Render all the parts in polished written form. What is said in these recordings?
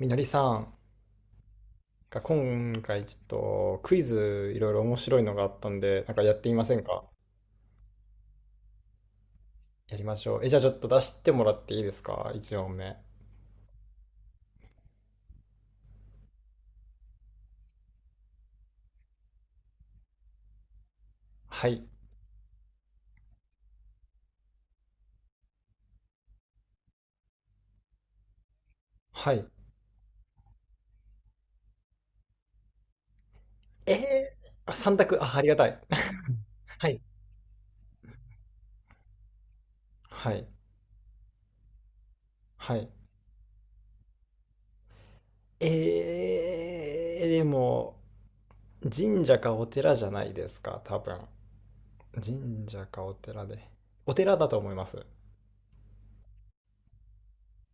みのりさん、が今回ちょっとクイズいろいろ面白いのがあったんで、なんかやってみませんか？やりましょう。え、じゃあちょっと出してもらっていいですか？ 1 問目。はい。はい。えあ、3択。あ、ありがたい。はい。はい。はい。でも、神社かお寺じゃないですか、多分。神社かお寺で。お寺だと思います。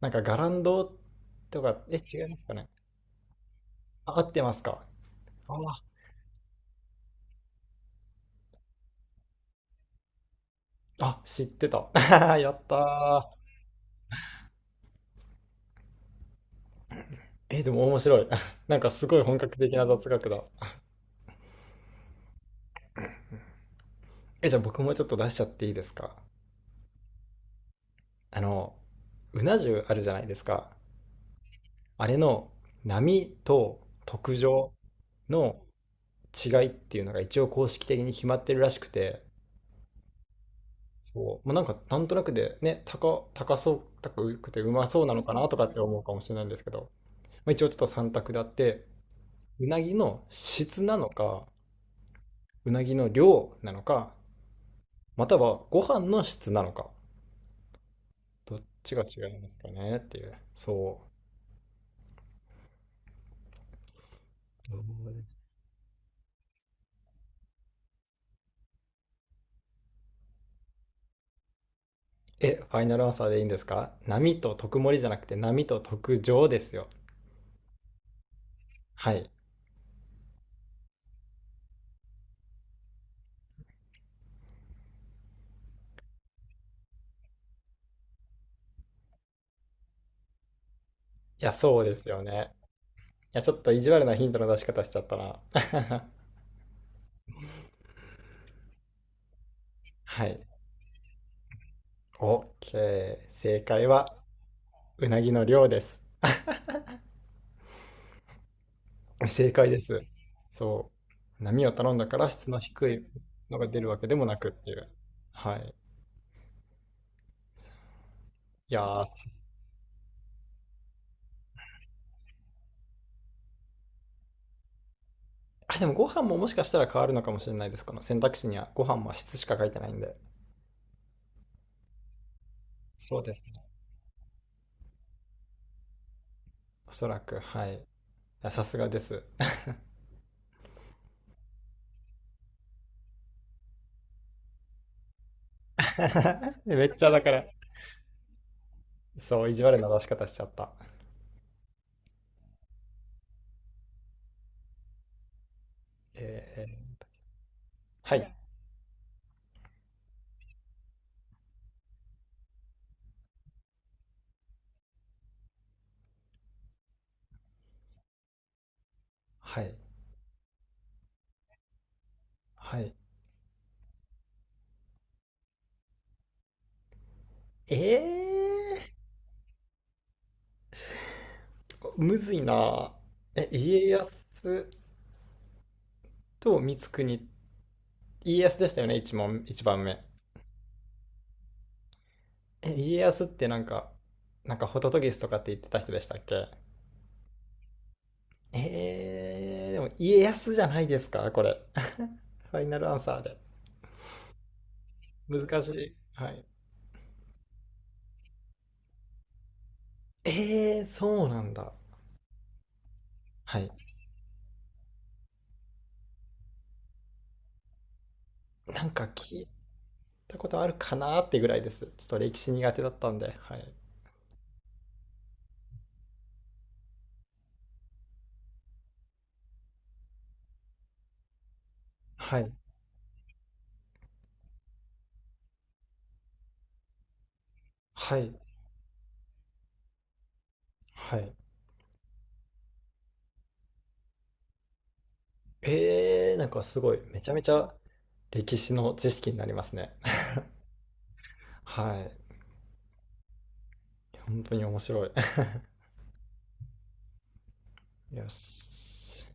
なんか、伽藍堂とか、違いますかね？あ、合ってますか？ああ、知ってた。やったー。え、でも面白い。なんかすごい本格的な雑学だ。え、じゃあ僕もちょっと出しちゃっていいですか？あの、うな重あるじゃないですか。あれの波と特上の違いっていうのが一応公式的に決まってるらしくて、そう、まあなんかなんとなくでね、高そう、高くてうまそうなのかなとかって思うかもしれないんですけど、まあ、一応ちょっと三択であって、うなぎの質なのか、うなぎの量なのか、またはご飯の質なのか。どっちが違いますかねっていう。そう。え、ファイナルアンサーでいいんですか？波と特盛りじゃなくて波と特上ですよ。はい。いや、そうですよね。いや、ちょっと意地悪なヒントの出し方しちゃったな。はい。OK。正解は、うなぎの量です。正解です。そう。波を頼んだから質の低いのが出るわけでもなくっていう。はい。いやー。あ、でもご飯ももしかしたら変わるのかもしれないです。この選択肢にはご飯も質しか書いてないんで。そうですね。おそらく。はい。いや、さすがです。 めっちゃ、だからそう、意地悪な出し方しちゃった。えー、はいはいはい。えー、むずいな。え、家康と光国。家康でしたよね、一問一番目。え、家康ってなんか、なんかホトトギスとかって言ってた人でしたっけ？でも家康じゃないですか、これ。ファイナルアンサーで。難しい。はい。そうなんだ。はい。なんか聞いたことあるかなってぐらいです。ちょっと歴史苦手だったんで。はい。はい。はい。はい。なんかすごい。めちゃめちゃ歴史の知識になりますね。はい。本当に面白い。よし。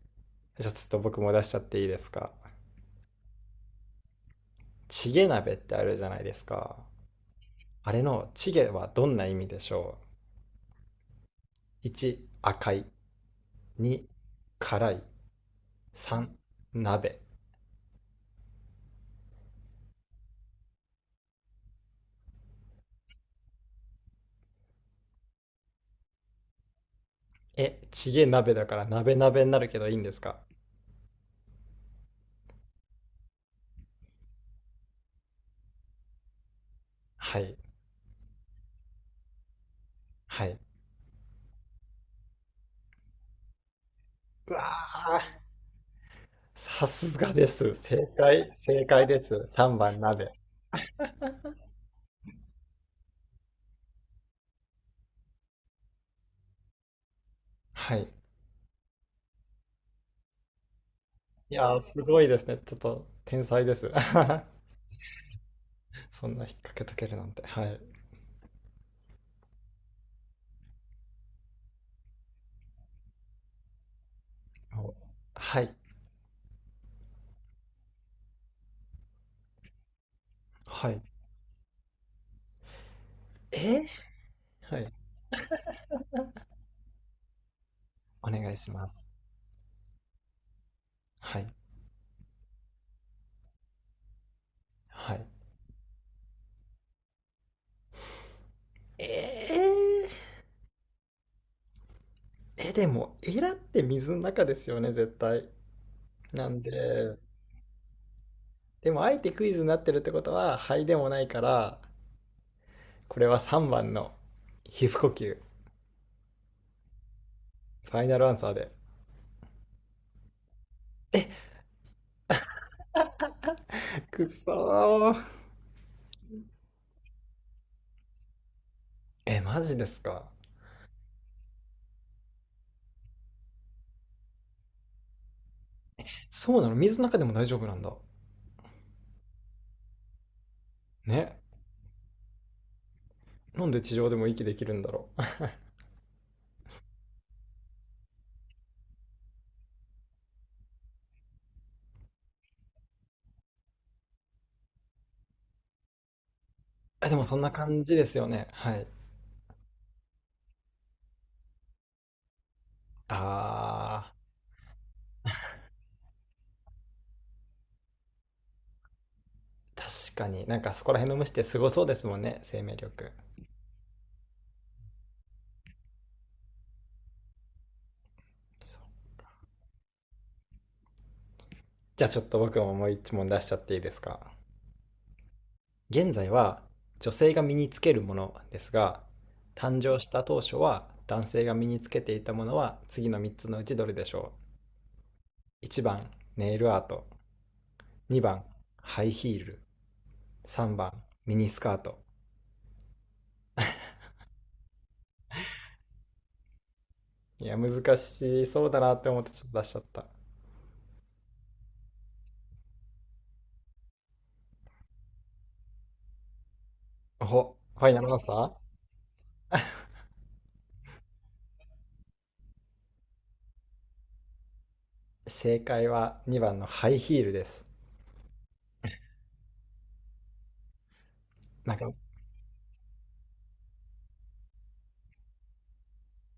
じゃあちょっと僕も出しちゃっていいですか？チゲ鍋ってあるじゃないですか。あれのチゲはどんな意味でしょう？ 1、赤い。2、辛い。3、鍋。え、チゲ鍋だから鍋鍋になるけどいいんですか？はい。はい。うわー、さすがです。正解、正解です。3番鍋。はい。いやー、すごいですね。ちょっと天才です。そんな引っ掛けとけるなんて。はい。お、はい。はい。えーはい。お願いします。はい。はい。ええ、でも、エラって水の中ですよね、絶対。なんで、でも、あえてクイズになってるってことは、肺でもないから、これは3番の皮膚呼吸、ファイナルアンサーで。え、くそー。え、マジですか。そうなの、水の中でも大丈夫なんだ。ね。なんで地上でも息できるんだろう。あ、でも、そんな感じですよね。はい。あー、確かになんかそこら辺の虫ってすごそうですもんね、生命力。そう。じゃあ、ちょっと僕ももう一問出しちゃっていいですか。現在は女性が身につけるものですが、誕生した当初は男性が身につけていたものは次の3つのうちどれでしょう？ 1 番、いちばんネイルアート。2番、ハイヒール。3番、ミニスカート。いや、難しそうだなって思ってちょっと出しちゃった。はい、山本さん。正解は2番のハイヒールです。なんか、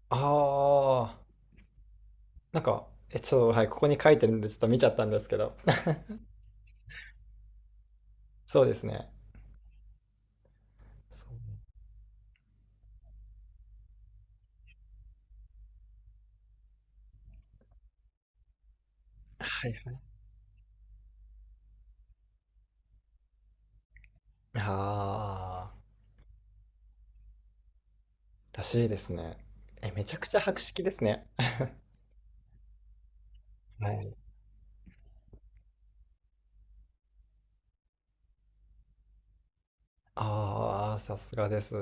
あー、なんか、ちょっと、はい、ここに書いてるんで、ちょっと見ちゃったんですけど。そうですね。そう。ああ、らしいですね。え、めちゃくちゃ博識ですね。はい。ああ、さすがです。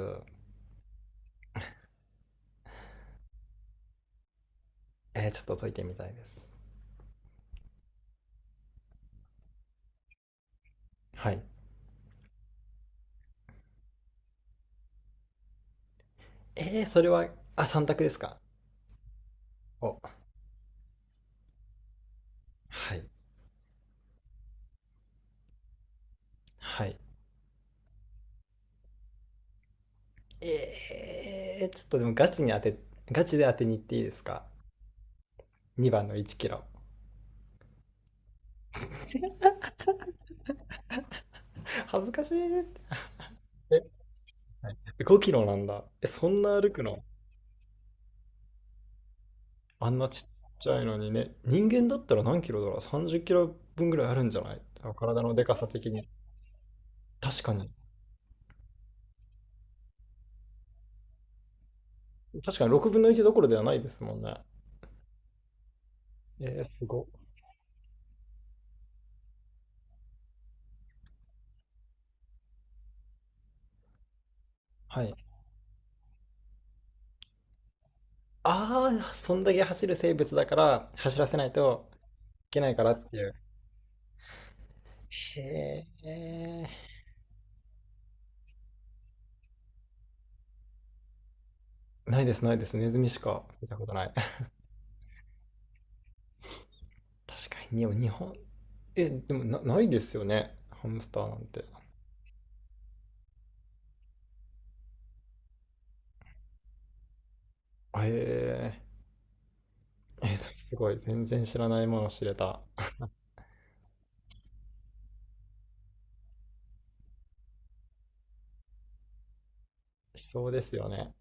ちょっと解いてみたいです。はい。それは、あ、3択ですか？お、はい。はい。ちょっとでもガチで当てに行っていいですか？ 2 番の1キロ。恥ずかしい。え、5キロなんだ。え、そんな歩くの？あんなちっちゃいのにね。人間だったら何キロだろう？ 30 キロ分ぐらいあるんじゃない？体のでかさ的に。確かに。確かに6分の1どころではないですもんね。すご。はい。ああ、そんだけ走る生物だから走らせないといけないからっていう。へえ。ないです、ないです。ネズミしか見たことない。確かに、に日本、え、でもな、ないですよね。ハムスターなんて。へえ。すごい。全然知らないもの知れた。しそうですよね。